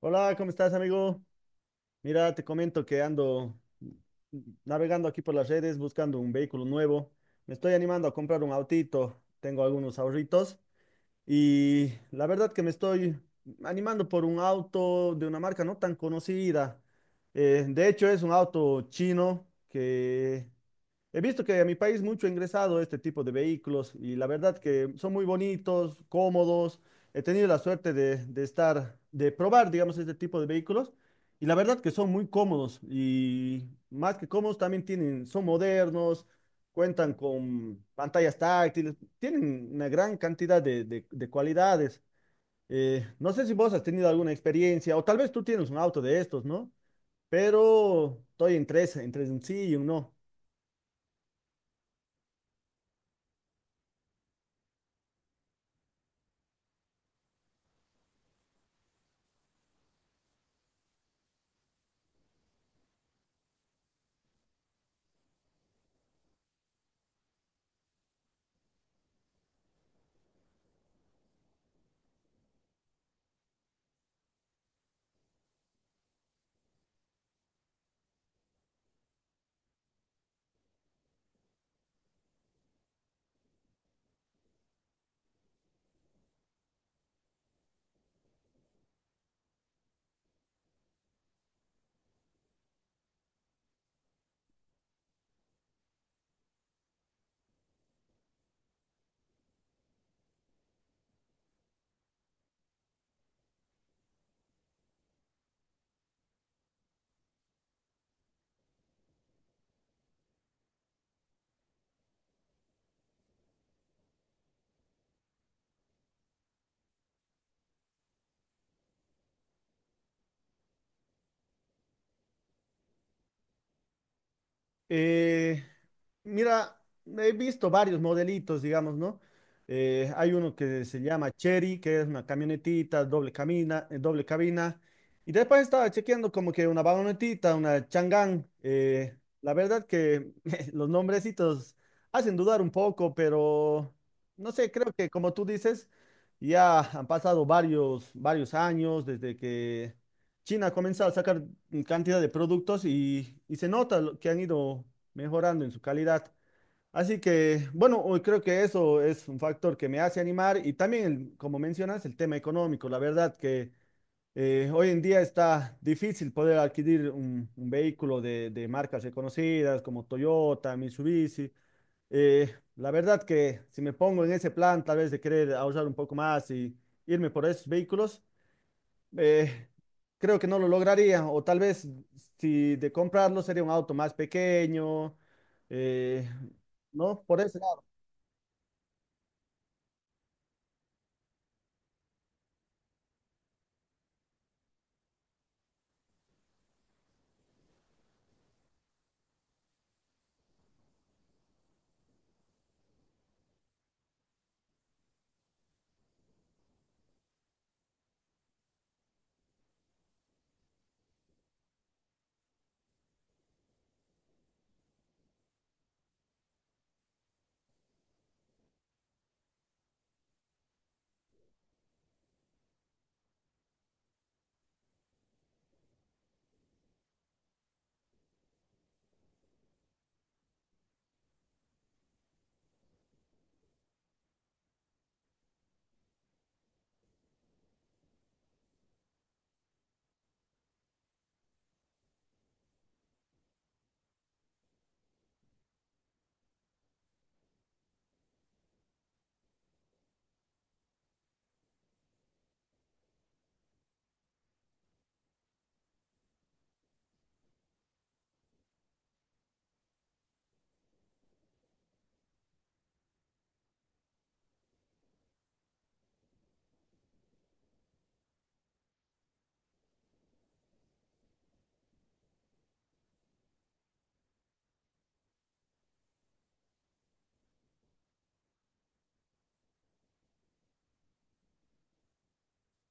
Hola, ¿cómo estás, amigo? Mira, te comento que ando navegando aquí por las redes buscando un vehículo nuevo. Me estoy animando a comprar un autito. Tengo algunos ahorritos y la verdad que me estoy animando por un auto de una marca no tan conocida. De hecho, es un auto chino que he visto que a mi país mucho ha ingresado este tipo de vehículos y la verdad que son muy bonitos, cómodos. He tenido la suerte de estar, de probar, digamos, este tipo de vehículos y la verdad que son muy cómodos y más que cómodos también tienen, son modernos, cuentan con pantallas táctiles, tienen una gran cantidad de cualidades. No sé si vos has tenido alguna experiencia o tal vez tú tienes un auto de estos, ¿no? Pero estoy entre un sí y un no. Eh, Mira, he visto varios modelitos, digamos, ¿no? Hay uno que se llama Cherry, que es una camionetita, doble doble cabina. Y después estaba chequeando como que una vagonetita, una Chang'an. La verdad que los nombrecitos hacen dudar un poco, pero no sé, creo que como tú dices, ya han pasado varios años desde que China ha comenzado a sacar cantidad de productos y se nota lo que han ido mejorando en su calidad. Así que, bueno, hoy creo que eso es un factor que me hace animar y también, como mencionas, el tema económico. La verdad que hoy en día está difícil poder adquirir un vehículo de marcas reconocidas como Toyota, Mitsubishi. La verdad que si me pongo en ese plan, tal vez de querer ahorrar un poco más y irme por esos vehículos eh, creo que no lo lograría. O tal vez si de comprarlo sería un auto más pequeño. eh, no, por ese lado.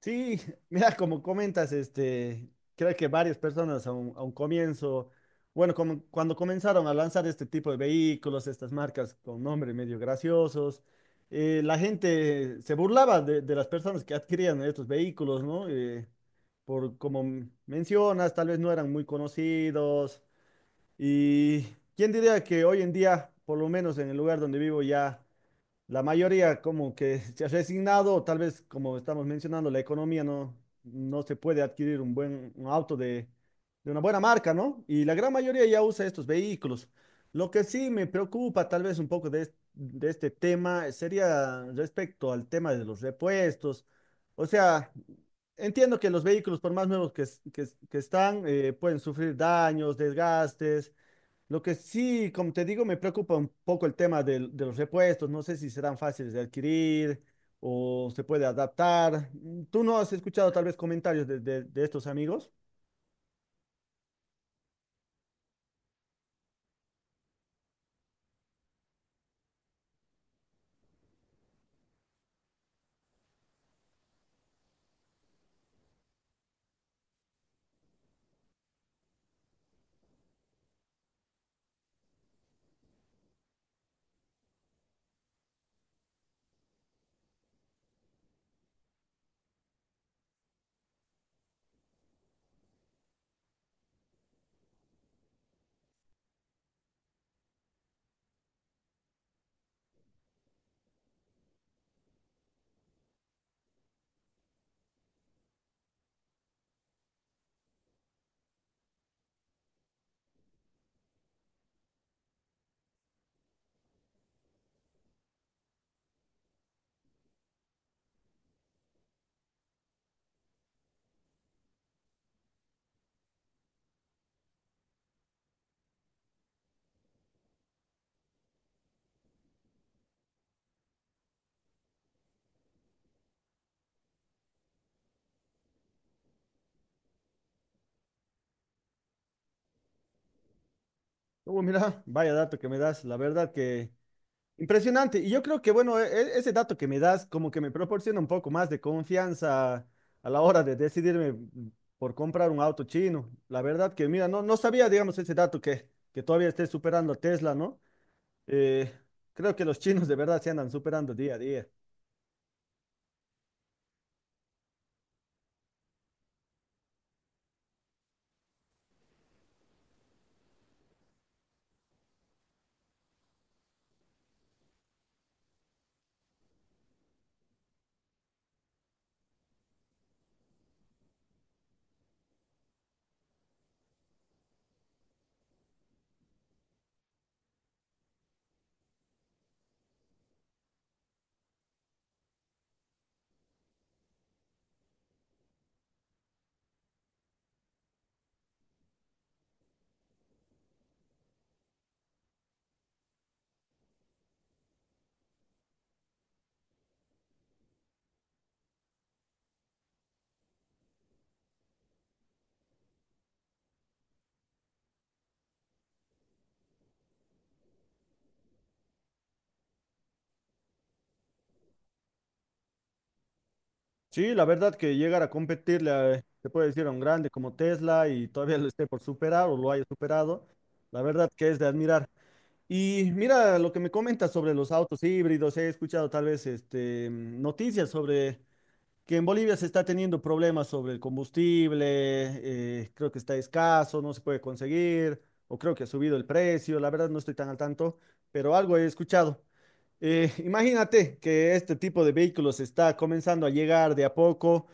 Sí, mira, como comentas, este, creo que varias personas a un comienzo, bueno, como cuando comenzaron a lanzar este tipo de vehículos, estas marcas con nombres medio graciosos, la gente se burlaba de las personas que adquirían estos vehículos, ¿no? Por como mencionas, tal vez no eran muy conocidos. Y quién diría que hoy en día, por lo menos en el lugar donde vivo, ya la mayoría como que se ha resignado, tal vez como estamos mencionando, la economía no, no se puede adquirir un auto de una buena marca, ¿no? Y la gran mayoría ya usa estos vehículos. Lo que sí me preocupa tal vez un poco de este tema sería respecto al tema de los repuestos. O sea, entiendo que los vehículos, por más nuevos que están, pueden sufrir daños, desgastes. Lo que sí, como te digo, me preocupa un poco el tema los repuestos. No sé si serán fáciles de adquirir o se puede adaptar. ¿Tú no has escuchado tal vez comentarios de estos amigos? Oh, mira, vaya dato que me das. La verdad que impresionante. Y yo creo que, bueno, ese dato que me das como que me proporciona un poco más de confianza a la hora de decidirme, por comprar un auto chino. La verdad que, mira, no sabía, digamos, ese dato que todavía esté superando a Tesla, ¿no? Eh, Creo que los chinos de verdad se andan superando día a día. Sí, la verdad que llegar a competirle, a, se puede decir, a un grande como Tesla y todavía lo esté por superar o lo haya superado, la verdad que es de admirar. Y mira lo que me comentas sobre los autos híbridos. He escuchado tal vez este, noticias sobre que en Bolivia se está teniendo problemas sobre el combustible, creo que está escaso, no se puede conseguir, o creo que ha subido el precio. La verdad no estoy tan al tanto, pero algo he escuchado. Imagínate que este tipo de vehículos está comenzando a llegar de a poco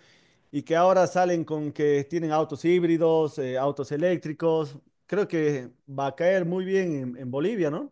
y que ahora salen con que tienen autos híbridos, autos eléctricos. Creo que va a caer muy bien en Bolivia, ¿no?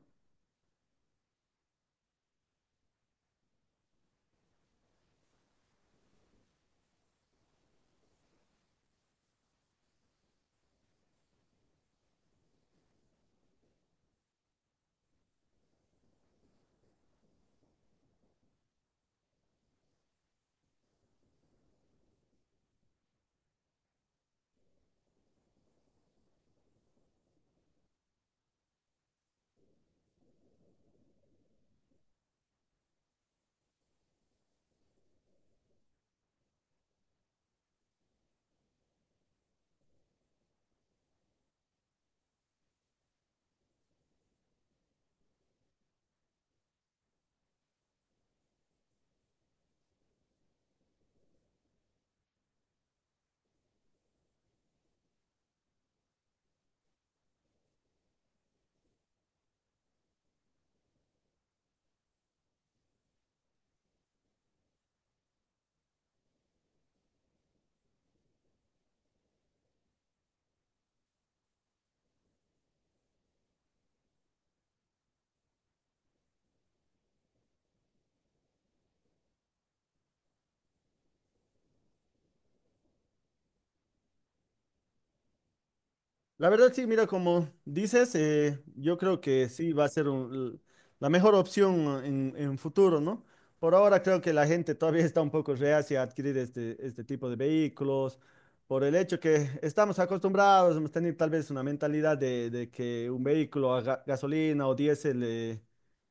La verdad, sí, mira, como dices, yo creo que sí va a ser la mejor opción en futuro, ¿no? Por ahora creo que la gente todavía está un poco reacia a adquirir este, este tipo de vehículos, por el hecho que estamos acostumbrados, hemos tenido tal vez una mentalidad de que un vehículo a gasolina o diésel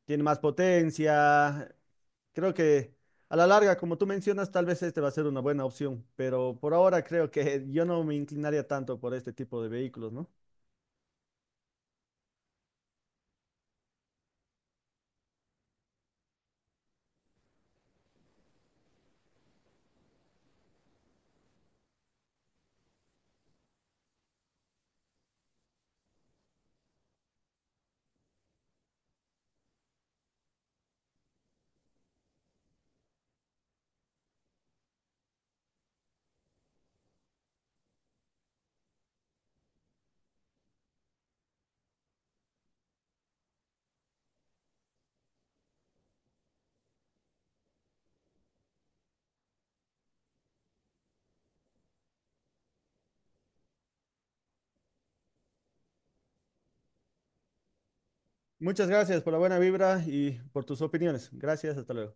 tiene más potencia. Creo que... A la larga, como tú mencionas, tal vez este va a ser una buena opción, pero por ahora creo que yo no me inclinaría tanto por este tipo de vehículos, ¿no? Muchas gracias por la buena vibra y por tus opiniones. Gracias, hasta luego.